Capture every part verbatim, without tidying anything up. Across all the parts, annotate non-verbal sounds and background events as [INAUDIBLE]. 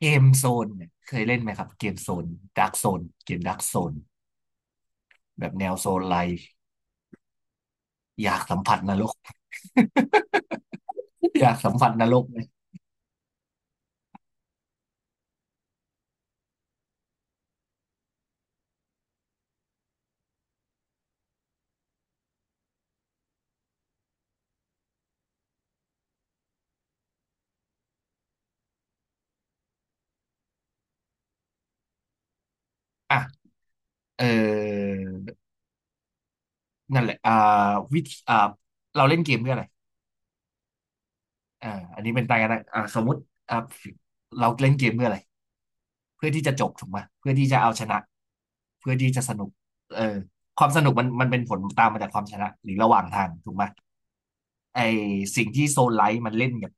เกมโซนเนี่ยเคยเล่นไหมครับเกมโซนดาร์กโซนเกมดาร์กโซนแบบแนวโซนไลท์อยากสัมผัสนรก [LAUGHS] อยากสัมผัสนรกเลยอ่ะเออนั่นแหละอ่าวิธีอ่าเราเล่นเกมเพื่ออะไรอ่าอันนี้เป็นตายกันนะอ่าสมมติอ่าเราเล่นเกมเพื่ออะไรเพื่อที่จะจบถูกไหมเพื่อที่จะเอาชนะเพื่อที่จะสนุกเออความสนุกมันมันเป็นผลตามมาจากความชนะหรือระหว่างทางถูกไหมไอสิ่งที่โซนไลท์มันเล่นกับ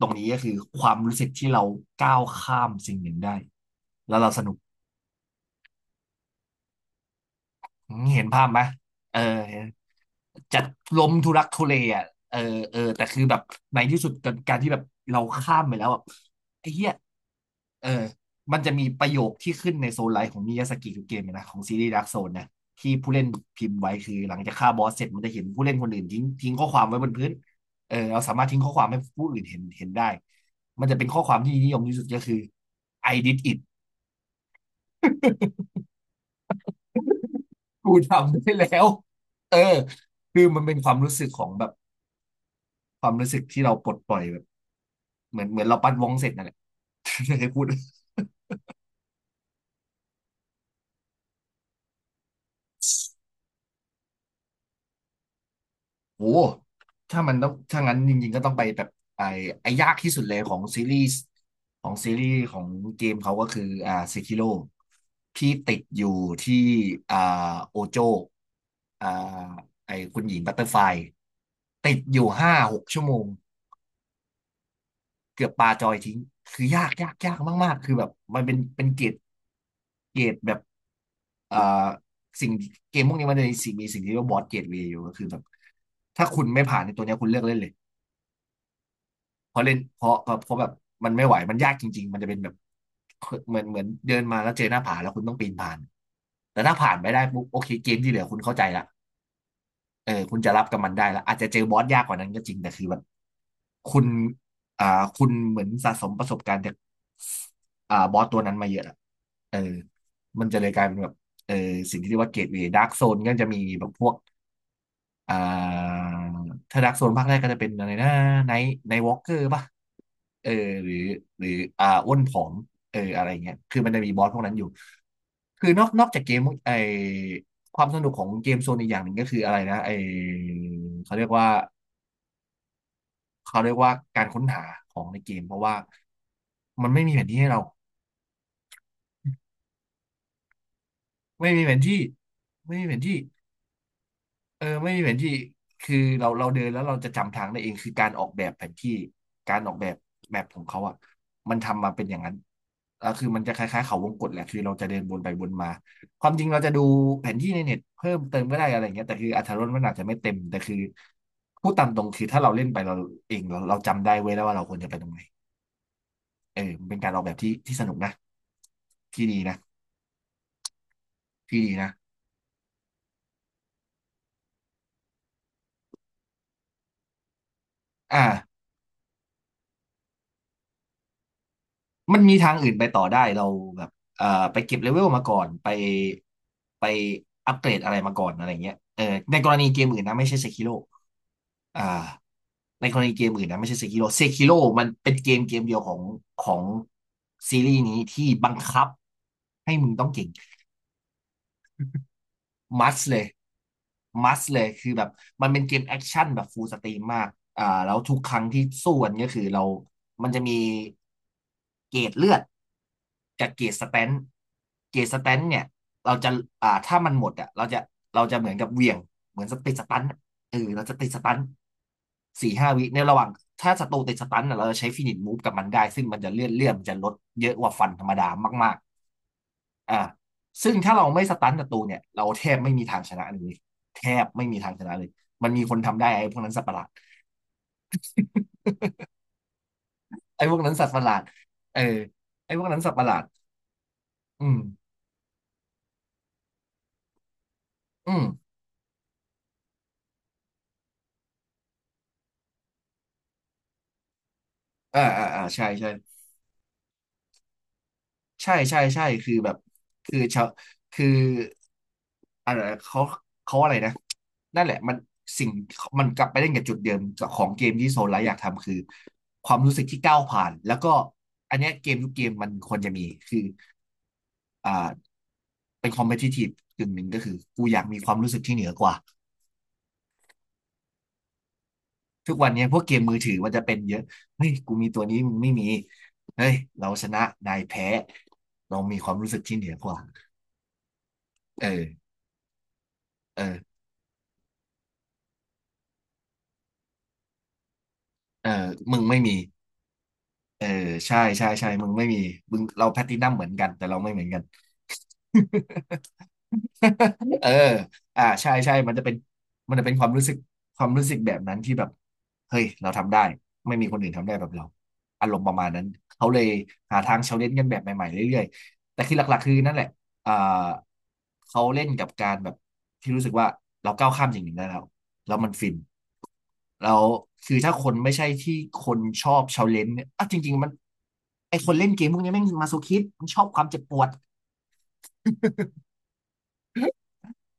ตรงนี้ก็คือความรู้สึกที่เราก้าวข้ามสิ่งหนึ่งได้แล้วเราสนุกเห็นภาพไหมเออจะล้มทุรักทุเลอ่ะเออเออแต่คือแบบในที่สุดการที่แบบเราข้ามไปแล้วแบบไอ้เหี้ยเออมันจะมีประโยคที่ขึ้นในโซนไลน์ของมิยาสกิทุกเกมนะของซีรีส์ดาร์กโซนนะที่ผู้เล่นพิมพ์ไว้คือหลังจากฆ่าบอสเสร็จมันจะเห็นผู้เล่นคนอื่นทิ้งทิ้งข้อความไว้บนพื้นเออเราสามารถทิ้งข้อความให้ผู้อื่นเห็นเห็นได้มันจะเป็นข้อความที่นิยมที่สุดก็คือ I did it กูทำได้แล้วเออคือมันเป็นความรู้สึกของแบบความรู้สึกที่เราปลดปล่อยแบบเหมือนเหมือนเราปัดวงเสร็จนั่นแหละ [LAUGHS] ใครพูด โอ้ถ้ามันต้องถ้างั้นจริงๆก็ต้องไปแบบไอ้ไอ้ยากที่สุดเลยของซีรีส์ของซีรีส์ของเกมเขาก็คืออ่าเซคิโร่ที่ติดอยู่ที่อ่าโอโจอ่าไอ้คุณหญิงบัตเตอร์ไฟติดอยู่ห้าหกชั่วโมง เกือบปาจอยทิ้งคือยากยากยากมากๆคือแบบมันเป็นเป็นเกรดเกรดแบบเอ่อสิ่งเกมพวกนี้มันจะมีสิ่งมีสิ่งที่เรียกว่าบอสเกรดเวย์อยู่ก็คือแบบถ้าคุณไม่ผ่านในตัวเนี้ยคุณเลิกเล่นเลยเพราะเล่นเพราะเพราะแบบมันไม่ไหวมันยากจริงๆมันจะเป็นแบบเหมือนเหมือนเดินมาแล้วเจอหน้าผาแล้วคุณต้องปีนผ่านแต่ถ้าผ่านไปได้ปุ๊บโอเคเกมที่เหลือคุณเข้าใจละ เออคุณจะรับกับมันได้แล้วอาจจะเจอบอสยากกว่านั้นก็จริงแต่คือแบบคุณอ่าคุณเหมือนสะสมประสบการณ์จากอ่าบอสตัวนั้นมาเยอะอะเออมันจะเลยกลายเป็นแบบเออสิ่งที่เรียกว่าเกตเวย์ดาร์กโซนก็จะมีแบบพวก อ่าถ้าดักโซนภาคแรกก็จะเป็นอะไรนะไนท์ไนท์วอล์กเกอร์ป่ะเออหรือหรืออ่าอ้วนผอมเอออะไรเงี้ยคือมันจะมีบอสพวกนั้นอยู่คือนอกนอกจากเกมไอความสนุกของเกมโซนอีกอย่างหนึ่งก็คืออะไรนะไอเขาเรียกว่าเขาเรียกว่าการค้นหาของในเกมเพราะว่ามันไม่มีแผนที่ให้เราไม่มีแผนที่ไม่มีแผนที่ เออไม่มีแผนที่คือเราเราเดินแล้วเราจะจำทางได้เองคือการออกแบบแผนที่การออกแบบแมปของเขาอ่ะมันทำมาเป็นอย่างนั้นแล้วคือมันจะคล้ายๆเขาวงกตแหละคือเราจะเดินวนไปวนมาความจริงเราจะดูแผนที่ในเน็ตเพิ่มเติมก็ได้อะไรเงี้ยแต่คืออรรถรสมันอาจจะไม่เต็มแต่คือพูดตามตรงคือถ้าเราเล่นไปเราเองเราเราจำได้เว้ยแล้วว่าเราควรจะไปตรงไหนเออมันเป็นการออกแบบที่ที่สนุกนะที่ดีนะที่ดีนะอ่า มันมีทางอื่นไปต่อได้เราแบบเอ่อไปเก็บเลเวลมาก่อนไปไปอัปเกรดอะไรมาก่อนอะไรเงี้ยเออในกรณีเกมอื่นนะไม่ใช่เซคิโ o อ่าในกรณีเกมอื่นนะไม่ใช่เซคิโ o เซคิโ o มันเป็นเกมเกมเดียวของของซีรีส์นี้ที่บังคับให้มึงต้องเก่ง มัสเลยมัสเลยคือแบบมันเป็นเกมแอคชั่นแบบฟูลสตรีมมากอ่าแล้วทุกครั้งที่สู้กันก็คือเรามันจะมีเกรดเลือดกับเกรดสแตนท์เกรดสแตนท์เนี่ยเราจะอ่าถ้ามันหมดอ่ะเราจะเราจะเหมือนกับเหวี่ยง เหมือนสติดสตันท์อะเออเราจะติดสตันท์สี่ห้าวิในระหว่างถ้าศัตรูติดสตันท์อะเราจะใช้ฟินิชมูฟกับมันได้ซึ่งมันจะเลื่อนเลื่อนมันจะลดเยอะกว่าฟันธรรมดามากๆอ่า ซึ่งถ้าเราไม่สตันศัตรูเนี่ยเราแทบไม่มีทางชนะเลยแทบไม่มีทางชนะเลยมันมีคนทำได้ไอ้พวกนั้นสัตว์ประหลาดไอ้พวกนั้นสัตว์ประหลาดเออไอ้พวกนั้นสัตว์ประหลาดอืมอืมอ่าอ่าอ่าใช่ใช่ใช่ใช่ใช่คือแบบคือชาวคืออะไรเขาเขาอะไรนะนั่นแหละมันสิ่งมันกลับไปเล่นกับจุดเดิมของเกมที่โซลไลท์อยากทำคือความรู้สึกที่ก้าวผ่านแล้วก็อันเนี้ยเกมทุกเกมมันควรจะมีคืออ่า เป็น competitive กึ่งหนึ่งก็คือกูอยากมีความรู้สึกที่เหนือกว่าทุกวันนี้พวกเกมมือถือมันจะเป็นเยอะเฮ้ยกูมีตัวนี้มึงไม่มีเฮ้ยเราชนะนายแพ้เรามีความรู้สึกที่เหนือกว่าเออเออเออมึงไม่มีเออใช่ใช่ใช่มึงไม่มีมึงเราแพลตินัมเหมือนกันแต่เราไม่เหมือนกัน เอออ่าใช่ใช่มันจะเป็นมันจะเป็นความรู้สึกความรู้สึกแบบนั้นที่แบบเฮ้ย เราทำได้ ไม่มีคนอื่นทำได้แบบเราอารมณ์ประมาณนั้น เขาเลยหาทางเชลเลนจ์กันแบบใหม่ๆเรื่อยๆ แต่คือหลักๆคือนั่นแหละอ่าเขาเล่นกับการแบบที่รู้สึกว่าเราก้าวข้ามสิ่งหนึ่งได้แล้วแล้วมันฟินแล้วคือถ้าคนไม่ใช่ที่คนชอบเชลเลนจ์เนี่ยอ่ะจริงๆมันไอคนเล่นเกมพวกนี้แม่งมาโซคิสต์มันชอบความเจ็บปวด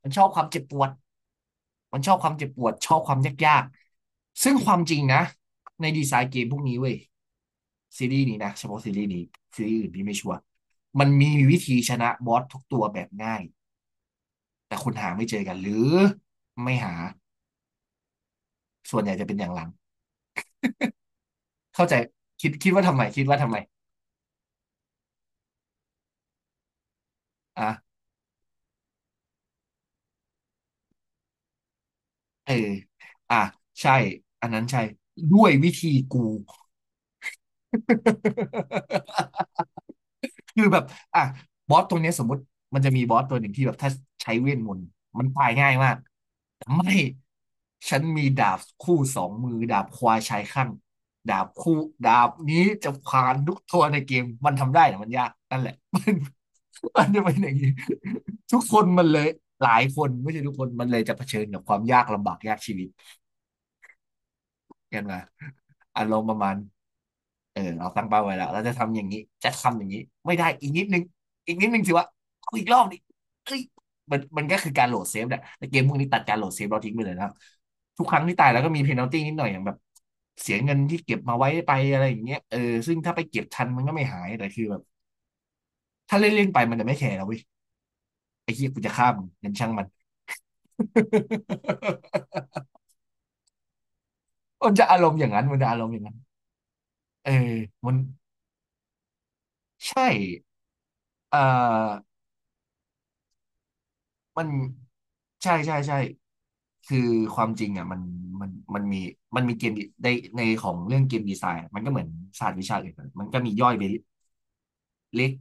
มันชอบความเจ็บปวด มันชอบความเจ็บปวดชอบความยากๆ ซึ่งความจริงนะในดีไซน์เกมพวกนี้เว้ยซีรีส์นี้นะเฉพาะซีรีส์นี้ซีรีส์อื่นพี่ไม่ชัวร์มันมีวิธีชนะบอสทุกตัวแบบง่ายแต่คุณหาไม่เจอกันหรือไม่หาส่วนใหญ่จะเป็นอย่างหลังเข้าใจคิดคิดว่าทำไมคิดว่าทำไมอ่ะเอออ่ะใช่อันนั้นใช่ด้วยวิธีกู คือแบบอ่ะบอสตัวเนี้ยสมมติมันจะมีบอสตัวหนึ่งที่แบบถ้าใช้เวทมนต์มันตายง่ายมากแต่ไม่ ฉันมีดาบคู่สองมือดาบควายชายข้างดาบคู่ดาบนี้จะผ่านทุกตัวในเกมมันทำได้แต่มันยากนั่นแหละ [LAUGHS] มันมันจะเป็นอย่างนี้ทุกคนมันเลยหลายคนไม่ใช่ทุกคนมันเลยจะเผชิญกับความยากลำบากยากชีวิต กันมาอารมณ์ประมาณเออเราตั้งเป้าไว้แล้วเราจะทำอย่างนี้จะทำอย่างนี้ไม่ได้อีกนิดนึงอีกนิดนึงสิวะเอาอีกรอบดิเอ้ยมันมันก็คือการโหลดเซฟแหละแต่เกมพวกนี้ตัดการโหลดเซฟเราทิ้งไปเลยนะครับทุกครั้งที่ตายแล้วก็มีเพนัลตี้นิดหน่อยอย่างแบบเสียเงินที่เก็บมาไว้ไปอะไรอย่างเงี้ยเออซึ่งถ้าไปเก็บทันมันก็ไม่หายแต่คือแบบถ้าเล่นเล่นไปมันจะไม่แคร์แล้วเว้ยไอ้เหี้ยกูจะฆ่ามึงงั้นช่างมัน [LAUGHS] มันจะอารมณ์อย่างนั้นมันจะอารมณ์อย่างนั้นเออมันใช่เอ่อ มันใช่ใช่ใช่คือความจริงอ่ะมันมันมันมีมันมีเกมในในของเรื่องเกมดีไซน์มันก็เหมือนศาสตร์วิชาอื่นมันก็มีย่อยไปเล็ก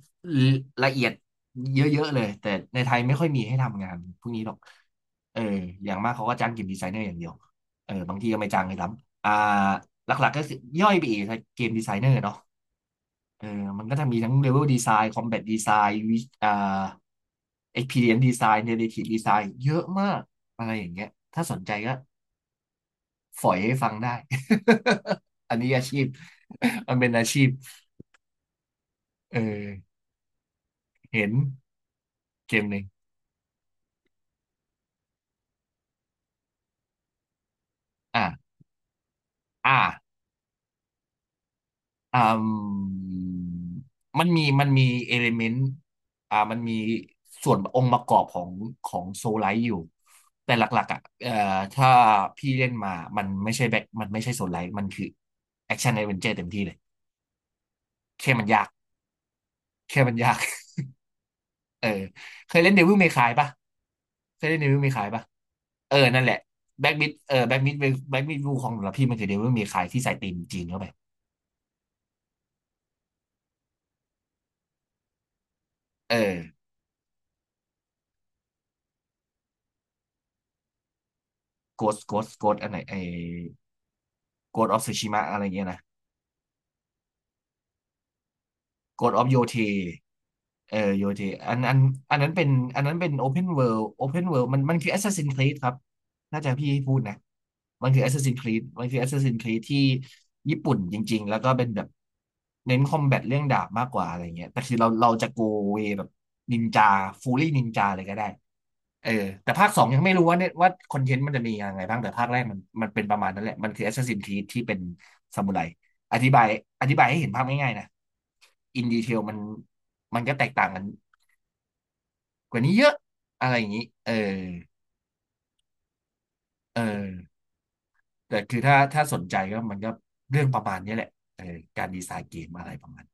ละเอียดเยอะๆเลยแต่ในไทยไม่ค่อยมีให้ทำงานพวกนี้หรอกเอออย่างมากเขาก็จ้างเกมดีไซเนอร์อย่างเดียวเออบางทีก็ไม่จ้างเลยซ้ำอ่าหลักๆก็คือย่อยไปอีกเกมดีไซเนอร์เนาะ เออมันก็จะมีทั้ง Level Design Combat Design วิอ่า Experience Design Narrative Design เยอะมากอะไรอย่างเงี้ยถ้าสนใจก็ฝอยให้ฟังได้ [LAUGHS] อันนี้อาชีพมันเป็นอาชีพเออเห็นเกมหนึ่งอ่ะอ่ะ อ่ามันมี มันมีเอลิเมนต์อ่ามันมีส่วนองค์ประกอบของของโซลไลท์อยู่ แต่หลักๆอ่ะเอ่อถ้าพี่เล่นมา มันไม่ใช่แบ็คมันไม่ใช่โซลไลท์มันคือแอคชั่นแอดเวนเจอร์เต็มที่เลยแค่มันยากแค่มันยาก [LAUGHS] เออเคยเล่นเดวิลเมคายปะเคยเล่นเดวิลเมคายปะเออนั่นแหละแบ็กมิดเออแบ็กมิดแบ็กมิดวูของสำหรับพี่มันคือเดวิลเมคายที่ใส่ธีมจีนเข้าไปเออโกสโกสโกสอันไหนไอโกสออฟซูชิมะอะไรเงี้ยนะ กดออฟโยเทเออโยเทอันอันอันนั้นเป็นอันนั้นเป็นโอเพนเวิลดโอเพนเวิดมันมันคือ Assassin's Creed ครับน่าจะพี่พูดนะมันคือ Assassin's Creed มันคือ Assassin's Creed ที่ญี่ปุ่นจริงๆแล้วก็เป็นแบบเน้นคอมแบทเรื่องดาบมากกว่าอะไรเงี้ยแต่คือเราเราจะโกเวแบบนินจาฟูลี่นินจาเลยก็ได้เออแต่ภาคสองยังไม่รู้ว่าเนี่ยว่าคอนเทนต์มันจะมียังไงบ้างแต่ภาคแรกมันมันเป็นประมาณนั้นแหละมันคือ Assassin's Creed ที่เป็นซามูไร อธิบายอธิบายให้เห็นภาพง่ายๆนะอินดีเทลมันมันก็แตกต่างกันกว่านี้เยอะอะไรอย่างนี้เออเออแต่คือถ้าถ้าสนใจก็มันก็เรื่องประมาณนี้แหละเออการดีไซน์เกมอะไรประมาณ